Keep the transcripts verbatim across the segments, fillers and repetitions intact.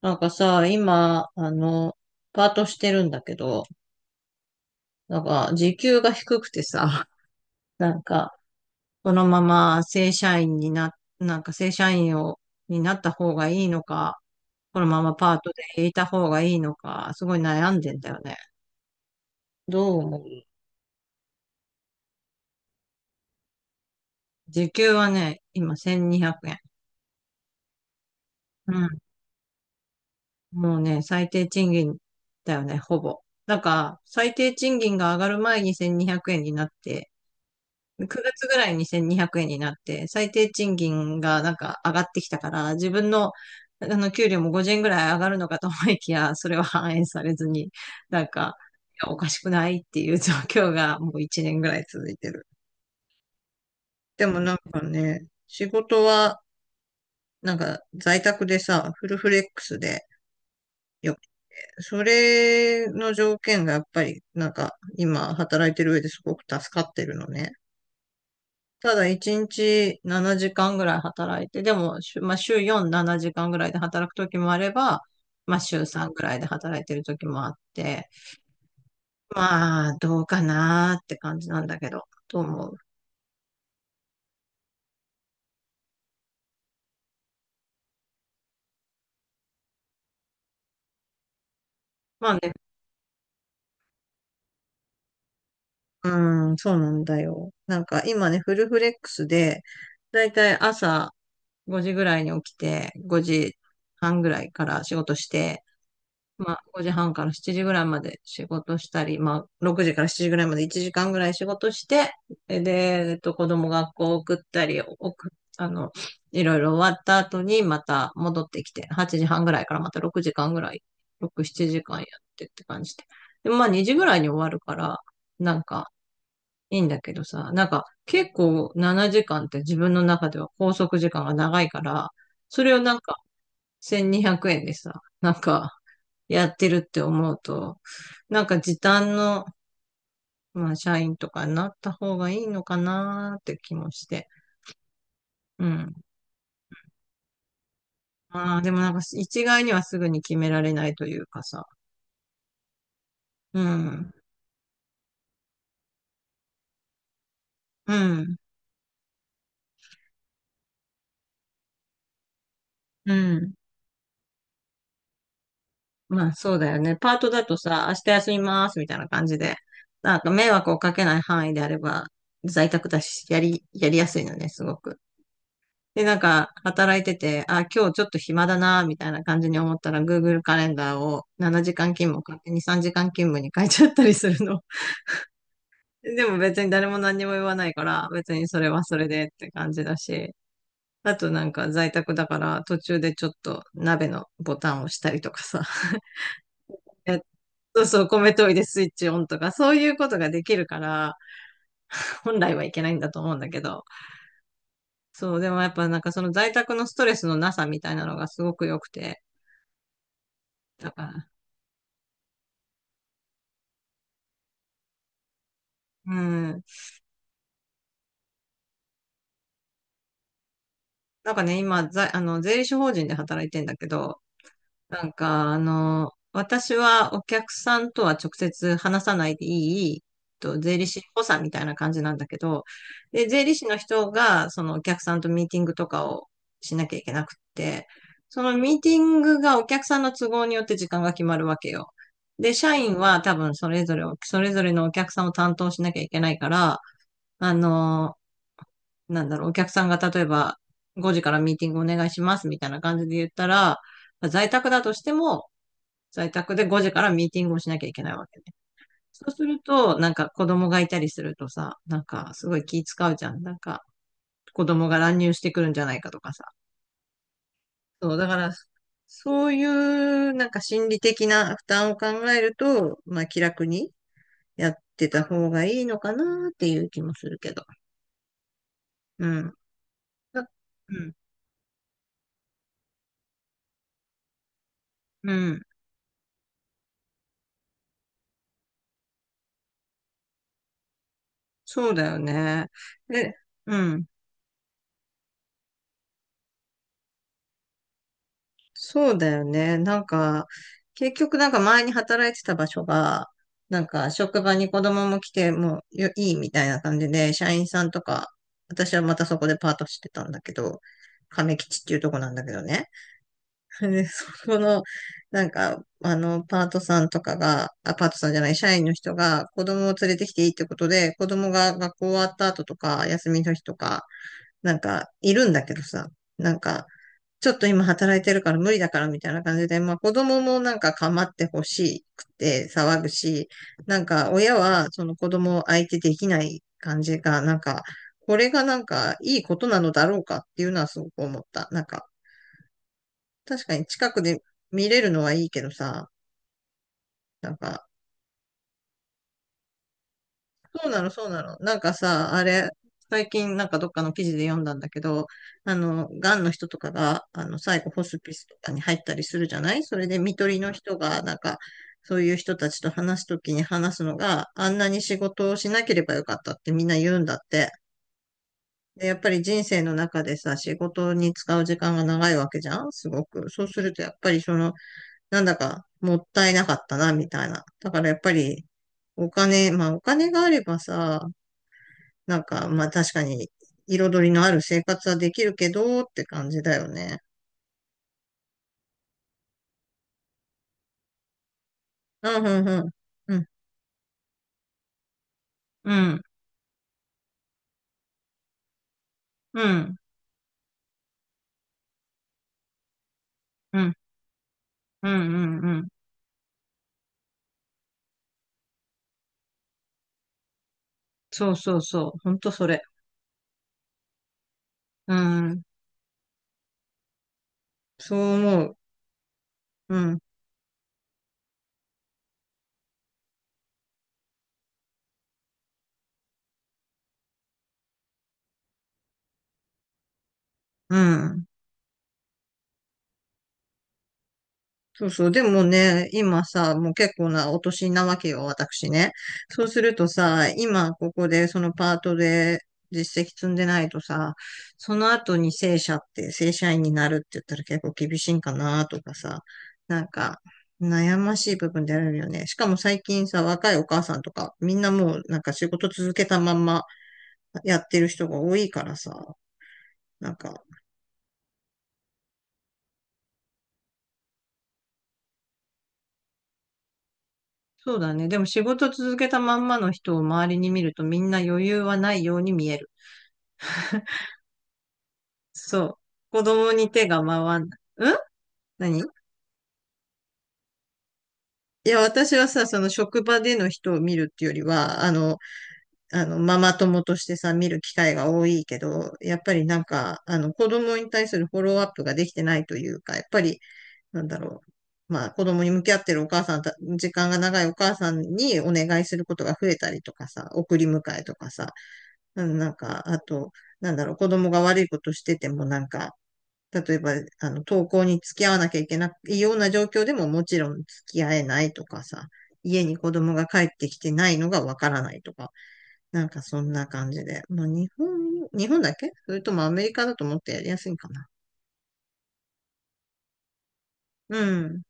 なんかさ、今、あの、パートしてるんだけど、なんか、時給が低くてさ、なんか、このまま正社員にな、なんか正社員を、になった方がいいのか、このままパートでいた方がいいのか、すごい悩んでんだよね。どう思う？時給はね、今せんにひゃくえん。うん。もうね、最低賃金だよね、ほぼ。だから、最低賃金が上がる前にせんにひゃくえんにひゃくえんになって、くがつぐらいにに ぜろ ぜろえんになって、最低賃金がなんか上がってきたから、自分の、あの、給料もごじゅうえんぐらい上がるのかと思いきや、それは反映されずに、なんか、いやおかしくないっていう状況がもういちねんぐらい続いてる。でもなんかね、仕事は、なんか在宅でさ、フルフレックスでよくて、それの条件がやっぱり、なんか今働いてる上ですごく助かってるのね。ただ一日ななじかんぐらい働いて、でも、週まあ、週よん、ななじかんぐらいで働く時もあれば、まあ、週さんぐらいで働いてる時もあって、まあ、どうかなーって感じなんだけど、と思う。まあね、うん、そうなんだよ。なんか今ね、フルフレックスで、だいたい朝ごじぐらいに起きて、ごじはんぐらいから仕事して、まあ、ごじはんからしちじぐらいまで仕事したり、まあ、ろくじからしちじぐらいまでいちじかんぐらい仕事して、で、でえっと、子供学校送ったり、送っあの、いろいろ終わった後にまた戻ってきて、はちじはんぐらいからまたろくじかんぐらい、ろく、ななじかんやってって感じで。で、まあにじぐらいに終わるから、なんかいいんだけどさ、なんか結構ななじかんって自分の中では拘束時間が長いから、それをなんかせんにひゃくえんでさ、なんかやってるって思うと、なんか時短の、まあ、社員とかになった方がいいのかなーって気もして。うん。まあ、でもなんか一概にはすぐに決められないというかさ。うん。うん。うん。まあ、そうだよね。パートだとさ、明日休みますみたいな感じで、なんか迷惑をかけない範囲であれば、在宅だし、やり、やりやすいのね、すごく。で、なんか、働いてて、あ、今日ちょっと暇だな、みたいな感じに思ったら、グーグル カレンダーをななじかん勤務を勝手にさんじかん勤務に変えちゃったりするの。でも別に誰も何にも言わないから、別にそれはそれでって感じだし、あとなんか在宅だから途中でちょっと鍋のボタンを押したりとかさ、えそうそう、米研いでスイッチオンとか、そういうことができるから、本来はいけないんだと思うんだけど、そう、でもやっぱなんかその在宅のストレスのなさみたいなのがすごく良くて、だからうん。なんかね、今、ざ、あの、税理士法人で働いてんだけど、なんか、あの、私はお客さんとは直接話さないでいい、と、税理士補佐みたいな感じなんだけど、で、税理士の人が、そのお客さんとミーティングとかをしなきゃいけなくって、そのミーティングがお客さんの都合によって時間が決まるわけよ。で、社員は多分それぞれを、それぞれのお客さんを担当しなきゃいけないから、あの、なんだろう、お客さんが例えばごじからミーティングお願いしますみたいな感じで言ったら、在宅だとしても、在宅でごじからミーティングをしなきゃいけないわけね。そうすると、なんか子供がいたりするとさ、なんかすごい気使うじゃん。なんか子供が乱入してくるんじゃないかとかさ。そう、だから、そういうなんか心理的な負担を考えると、まあ気楽にやってた方がいいのかなっていう気もするけど。うん。だうん。うん。そうだよね。で、うん。そうだよね。なんか、結局なんか前に働いてた場所が、なんか職場に子供も来てもうよいいみたいな感じで、社員さんとか、私はまたそこでパートしてたんだけど、亀吉っていうとこなんだけどね。で、そこの、なんか、あの、パートさんとかが、あ、パートさんじゃない、社員の人が子供を連れてきていいってことで、子供が学校終わった後とか、休みの日とか、なんか、いるんだけどさ、なんか、ちょっと今働いてるから無理だからみたいな感じで、まあ子供もなんか構ってほしくて騒ぐし、なんか親はその子供を相手できない感じが、なんか、これがなんかいいことなのだろうかっていうのはすごく思った。なんか、確かに近くで見れるのはいいけどさ、なんかそうなの、そうなの。なんかさ、あれ、最近なんかどっかの記事で読んだんだけど、あの、がんの人とかが、あの、最後ホスピスとかに入ったりするじゃないそれで、看取りの人が、なんか、そういう人たちと話すときに話すのが、あんなに仕事をしなければよかったってみんな言うんだって。で、やっぱり人生の中でさ、仕事に使う時間が長いわけじゃんすごく。そうすると、やっぱりその、なんだか、もったいなかったな、みたいな。だからやっぱり、お金、まあお金があればさ、なんか、まあ確かに、彩りのある生活はできるけど、って感じだよね。うん、うん、うん。うん、うん、うん、うん、うん、うん。うんそうそうそう。ほんとそれ。うん。そう思う。うん、うん。そうそう。でもね、今さ、もう結構なお年なわけよ、私ね。そうするとさ、今ここでそのパートで実績積んでないとさ、その後に正社って、正社員になるって言ったら結構厳しいんかなとかさ、なんか悩ましい部分であるよね。しかも最近さ、若いお母さんとか、みんなもうなんか仕事続けたまんまやってる人が多いからさ、なんかそうだね。でも仕事続けたまんまの人を周りに見るとみんな余裕はないように見える。そう。子供に手が回んない。ん何いや、私はさ、その職場での人を見るっていうよりは、あの、あの、ママ友としてさ、見る機会が多いけど、やっぱりなんか、あの、子供に対するフォローアップができてないというか、やっぱり、なんだろう。まあ、子供に向き合ってるお母さんた、時間が長いお母さんにお願いすることが増えたりとかさ、送り迎えとかさ、うんなんか、あと、なんだろう、子供が悪いことしててもなんか、例えば、あの、登校に付き合わなきゃいけないような状況でももちろん付き合えないとかさ、家に子供が帰ってきてないのがわからないとか、なんかそんな感じで。まあ日本、日本だっけそれともアメリカだと思ってやりやすいんかな。うん、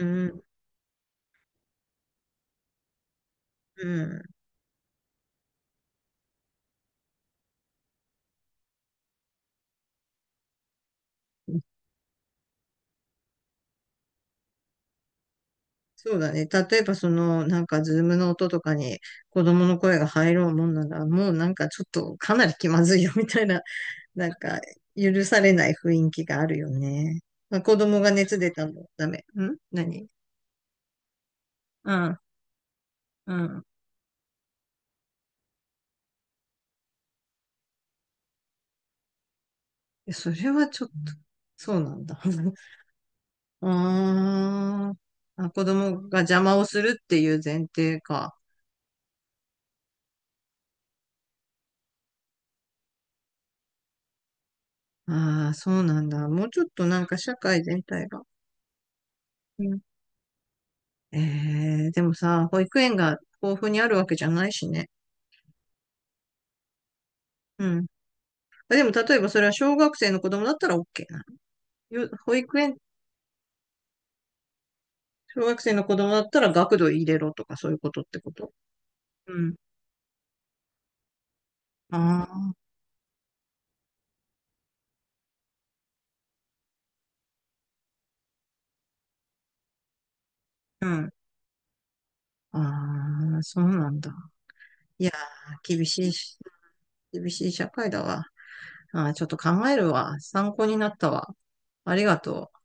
うん、うん。そうだね。例えばその、なんかズームの音とかに子供の声が入ろうもんなら、もうなんかちょっとかなり気まずいよみたいななんか、許されない雰囲気があるよね。まあ、子供が熱出たのダメ。ん何うん、うん。えそれはちょっと、そうなんだ。あーあ、子供が邪魔をするっていう前提か。ああ、そうなんだ。もうちょっとなんか社会全体が。うん、えー、でもさ、保育園が豊富にあるわけじゃないしね。うん。でも例えばそれは小学生の子供だったら オーケー なの？よ保育園小学生の子供だったら学童入れろとかそういうことってこと？うん。ああ、うん。ああ、そうなんだ。いやー、厳しいし、厳しい社会だわ。ああ、ちょっと考えるわ。参考になったわ。ありがとう。